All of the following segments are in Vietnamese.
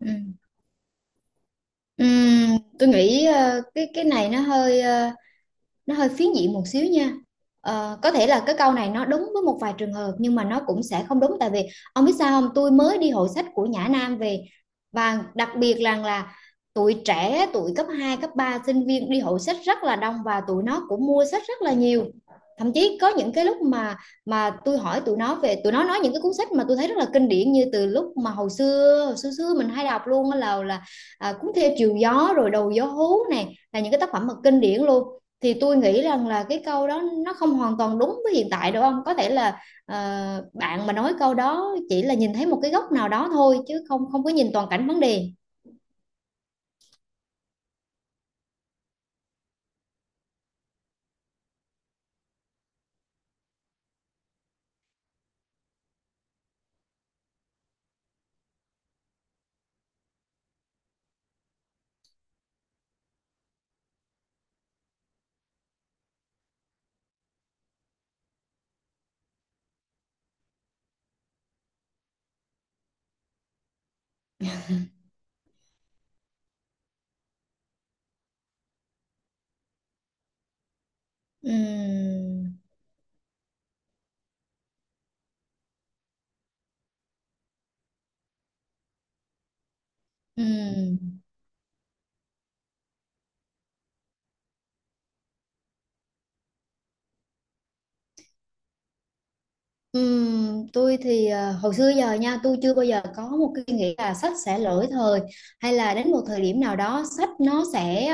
Ừ. Tôi nghĩ cái này nó hơi phiến diện một xíu nha. Có thể là cái câu này nó đúng với một vài trường hợp, nhưng mà nó cũng sẽ không đúng. Tại vì ông biết sao không, tôi mới đi hội sách của Nhã Nam về, và đặc biệt là tụi trẻ, tụi cấp 2 cấp ba, sinh viên đi hội sách rất là đông, và tụi nó cũng mua sách rất là nhiều. Thậm chí có những cái lúc mà tôi hỏi tụi nó về, tụi nó nói những cái cuốn sách mà tôi thấy rất là kinh điển, như từ lúc mà hồi xưa xưa mình hay đọc luôn á, là Cuốn Theo Chiều Gió rồi Đầu Gió Hú này là những cái tác phẩm mà kinh điển luôn. Thì tôi nghĩ rằng là cái câu đó nó không hoàn toàn đúng với hiện tại, đúng không? Có thể là bạn mà nói câu đó chỉ là nhìn thấy một cái góc nào đó thôi, chứ không không có nhìn toàn cảnh vấn đề. Ừm, ừm. Tôi thì hồi xưa giờ nha, tôi chưa bao giờ có một cái nghĩ là sách sẽ lỗi thời, hay là đến một thời điểm nào đó sách nó sẽ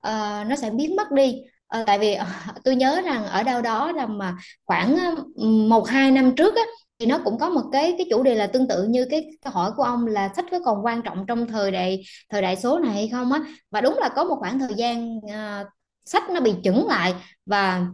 ờ, nó sẽ biến mất đi. Tại vì tôi nhớ rằng ở đâu đó là mà khoảng 1-2 năm trước á, thì nó cũng có một cái chủ đề là tương tự như cái câu hỏi của ông, là sách có còn quan trọng trong thời đại số này hay không á. Và đúng là có một khoảng thời gian sách nó bị chững lại, và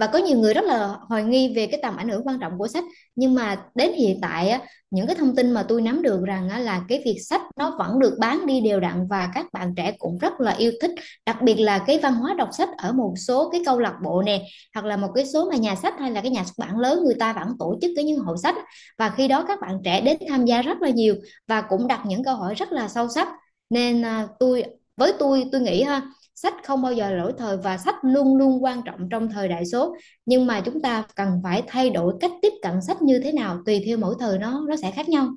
và có nhiều người rất là hoài nghi về cái tầm ảnh hưởng quan trọng của sách. Nhưng mà đến hiện tại á, những cái thông tin mà tôi nắm được rằng á, là cái việc sách nó vẫn được bán đi đều đặn, và các bạn trẻ cũng rất là yêu thích. Đặc biệt là cái văn hóa đọc sách ở một số cái câu lạc bộ nè, hoặc là một cái số mà nhà sách hay là cái nhà xuất bản lớn, người ta vẫn tổ chức cái những hội sách, và khi đó các bạn trẻ đến tham gia rất là nhiều, và cũng đặt những câu hỏi rất là sâu sắc. Nên à, tôi với tôi nghĩ ha, sách không bao giờ lỗi thời và sách luôn luôn quan trọng trong thời đại số, nhưng mà chúng ta cần phải thay đổi cách tiếp cận sách như thế nào, tùy theo mỗi thời nó sẽ khác nhau.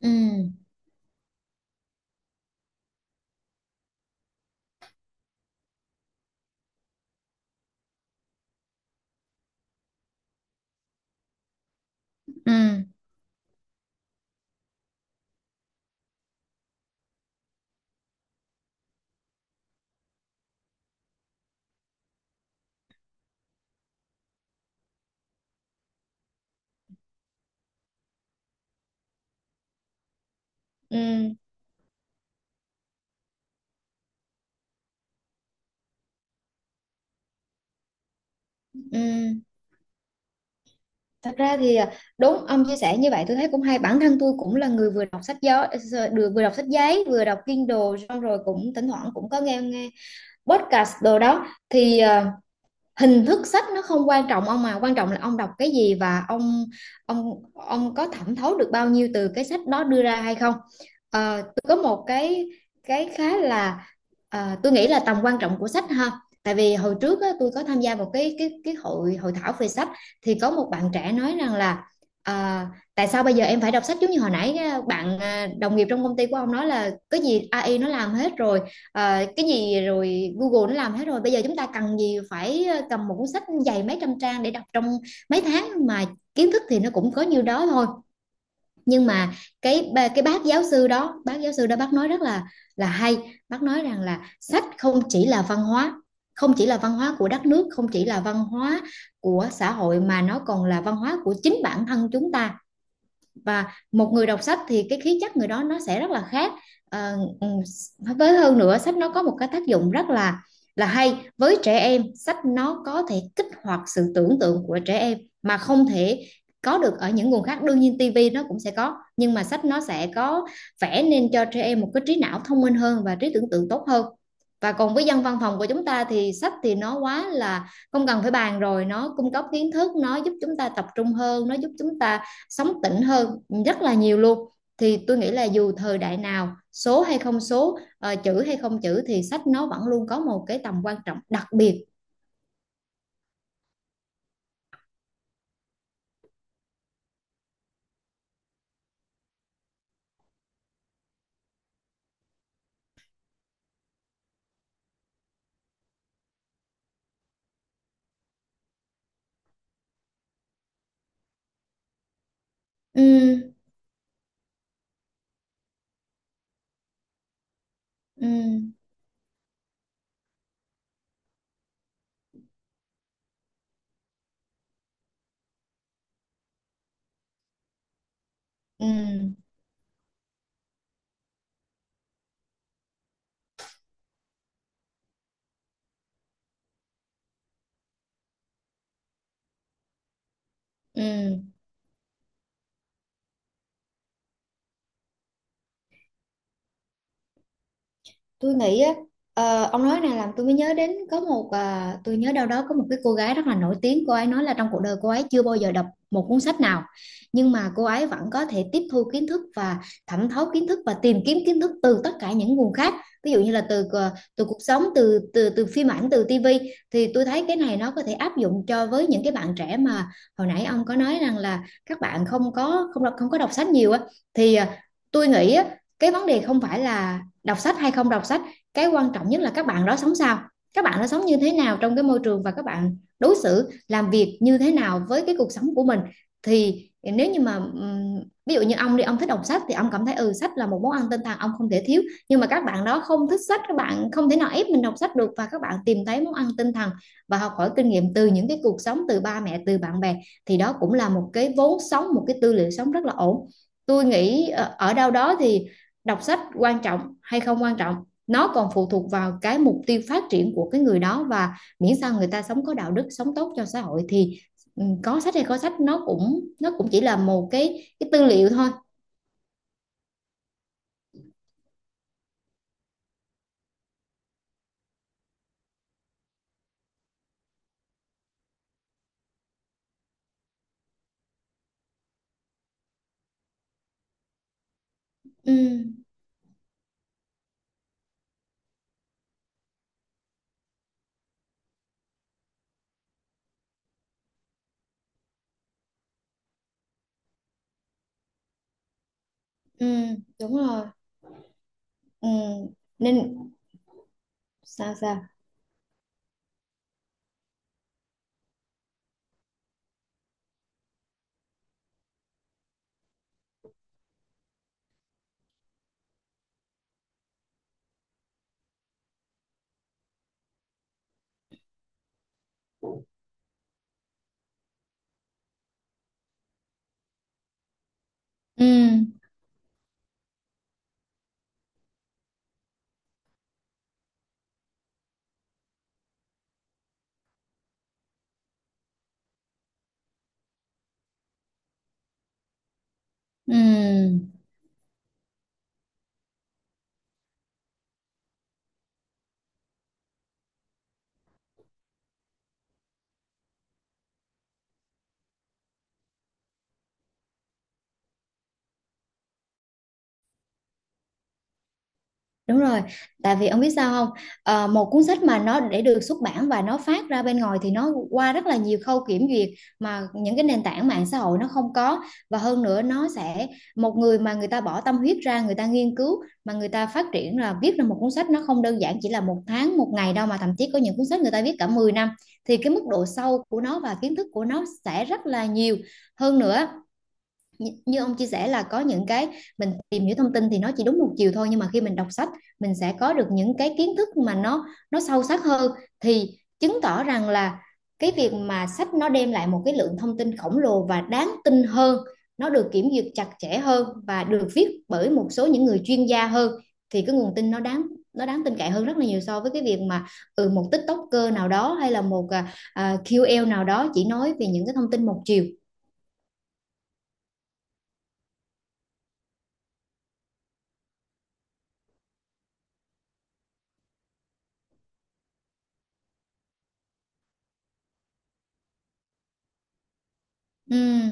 Ừ. Ừ. Ừ. Ừ. Thật ra thì đúng, ông chia sẻ như vậy tôi thấy cũng hay. Bản thân tôi cũng là người vừa đọc sách gió, vừa vừa đọc sách giấy, vừa đọc Kindle, xong rồi cũng thỉnh thoảng cũng có nghe nghe podcast đồ đó. Thì hình thức sách nó không quan trọng ông, mà quan trọng là ông đọc cái gì và ông có thẩm thấu được bao nhiêu từ cái sách đó đưa ra hay không. Tôi có một cái khá là, tôi nghĩ là tầm quan trọng của sách ha. Tại vì hồi trước á, tôi có tham gia một cái hội hội thảo về sách, thì có một bạn trẻ nói rằng là à, tại sao bây giờ em phải đọc sách, giống như hồi nãy bạn, đồng nghiệp trong công ty của ông nói, là cái gì AI nó làm hết rồi. Cái gì rồi Google nó làm hết rồi, bây giờ chúng ta cần gì phải cầm một cuốn sách dày mấy trăm trang để đọc trong mấy tháng mà kiến thức thì nó cũng có nhiêu đó thôi. Nhưng mà cái bác giáo sư đó, bác nói rất là hay. Bác nói rằng là sách không chỉ là văn hóa, không chỉ là văn hóa của đất nước, không chỉ là văn hóa của xã hội, mà nó còn là văn hóa của chính bản thân chúng ta. Và một người đọc sách thì cái khí chất người đó nó sẽ rất là khác. Ờ, ừ, với hơn nữa, sách nó có một cái tác dụng rất là hay với trẻ em. Sách nó có thể kích hoạt sự tưởng tượng của trẻ em mà không thể có được ở những nguồn khác. Đương nhiên tivi nó cũng sẽ có, nhưng mà sách nó sẽ có, vẽ nên cho trẻ em một cái trí não thông minh hơn và trí tưởng tượng tốt hơn. Và còn với dân văn phòng của chúng ta thì sách thì nó quá là không cần phải bàn rồi, nó cung cấp kiến thức, nó giúp chúng ta tập trung hơn, nó giúp chúng ta sống tỉnh hơn, rất là nhiều luôn. Thì tôi nghĩ là dù thời đại nào, số hay không số, chữ hay không chữ, thì sách nó vẫn luôn có một cái tầm quan trọng đặc biệt. Ừ. Ừ. Ừ. Ừ. Tôi nghĩ á, ông nói này làm tôi mới nhớ đến . Tôi nhớ đâu đó có một cái cô gái rất là nổi tiếng, cô ấy nói là trong cuộc đời cô ấy chưa bao giờ đọc một cuốn sách nào, nhưng mà cô ấy vẫn có thể tiếp thu kiến thức và thẩm thấu kiến thức và tìm kiếm kiến thức từ tất cả những nguồn khác. Ví dụ như là từ từ cuộc sống, từ từ từ phim ảnh, từ tivi. Thì tôi thấy cái này nó có thể áp dụng cho với những cái bạn trẻ mà hồi nãy ông có nói rằng là các bạn không có đọc sách nhiều á. Thì tôi nghĩ á, cái vấn đề không phải là đọc sách hay không đọc sách, cái quan trọng nhất là các bạn đó sống sao, các bạn đó sống như thế nào trong cái môi trường và các bạn đối xử làm việc như thế nào với cái cuộc sống của mình. Thì nếu như mà ví dụ như ông đi, ông thích đọc sách thì ông cảm thấy ừ, sách là một món ăn tinh thần ông không thể thiếu, nhưng mà các bạn đó không thích sách, các bạn không thể nào ép mình đọc sách được, và các bạn tìm thấy món ăn tinh thần và học hỏi kinh nghiệm từ những cái cuộc sống, từ ba mẹ, từ bạn bè, thì đó cũng là một cái vốn sống, một cái tư liệu sống rất là ổn. Tôi nghĩ ở đâu đó thì đọc sách quan trọng hay không quan trọng, nó còn phụ thuộc vào cái mục tiêu phát triển của cái người đó. Và miễn sao người ta sống có đạo đức, sống tốt cho xã hội, thì ừ, có sách hay có sách nó cũng chỉ là một cái tư liệu thôi. Ừ. Ừ. Đúng rồi. Ừ. Nên sao sao? Ừ. Ừ. Đúng rồi, tại vì ông biết sao không? Một cuốn sách mà nó để được xuất bản và nó phát ra bên ngoài thì nó qua rất là nhiều khâu kiểm duyệt, mà những cái nền tảng mạng xã hội nó không có. Và hơn nữa nó sẽ, một người mà người ta bỏ tâm huyết ra, người ta nghiên cứu mà người ta phát triển là viết ra một cuốn sách, nó không đơn giản chỉ là một tháng, một ngày đâu, mà thậm chí có những cuốn sách người ta viết cả 10 năm, thì cái mức độ sâu của nó và kiến thức của nó sẽ rất là nhiều. Hơn nữa như ông chia sẻ, là có những cái mình tìm hiểu thông tin thì nó chỉ đúng một chiều thôi, nhưng mà khi mình đọc sách mình sẽ có được những cái kiến thức mà nó sâu sắc hơn, thì chứng tỏ rằng là cái việc mà sách nó đem lại một cái lượng thông tin khổng lồ và đáng tin hơn, nó được kiểm duyệt chặt chẽ hơn và được viết bởi một số những người chuyên gia hơn, thì cái nguồn tin nó đáng tin cậy hơn rất là nhiều so với cái việc mà ừ, một TikToker nào đó hay là một KOL nào đó chỉ nói về những cái thông tin một chiều. Ừm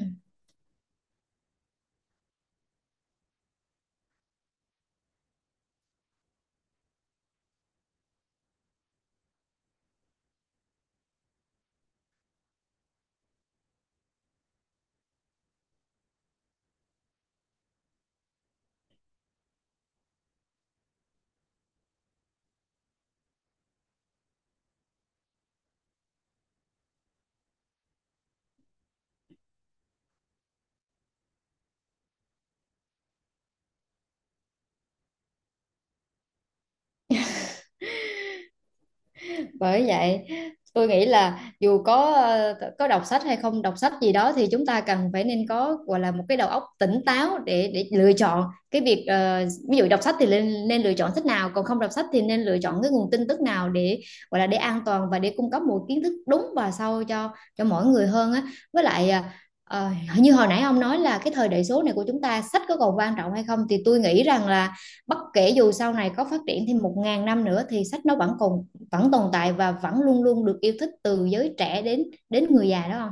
Bởi vậy tôi nghĩ là dù có có đọc sách hay không đọc sách gì đó, thì chúng ta cần phải nên có, gọi là một cái đầu óc tỉnh táo, để lựa chọn cái việc, ví dụ đọc sách thì nên nên lựa chọn sách nào, còn không đọc sách thì nên lựa chọn cái nguồn tin tức nào để, gọi là để an toàn và để cung cấp một kiến thức đúng và sâu cho mỗi người hơn á. Với lại ờ, như hồi nãy ông nói là cái thời đại số này của chúng ta sách có còn quan trọng hay không, thì tôi nghĩ rằng là bất kể dù sau này có phát triển thêm 1.000 năm nữa thì sách nó vẫn còn, vẫn tồn tại và vẫn luôn luôn được yêu thích từ giới trẻ đến đến người già đó.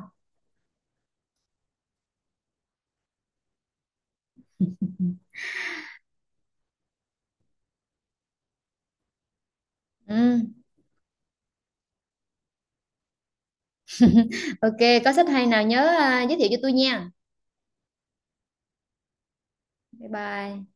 Không? Ừ, ok, có sách hay nào nhớ giới thiệu cho tôi nha. Bye bye.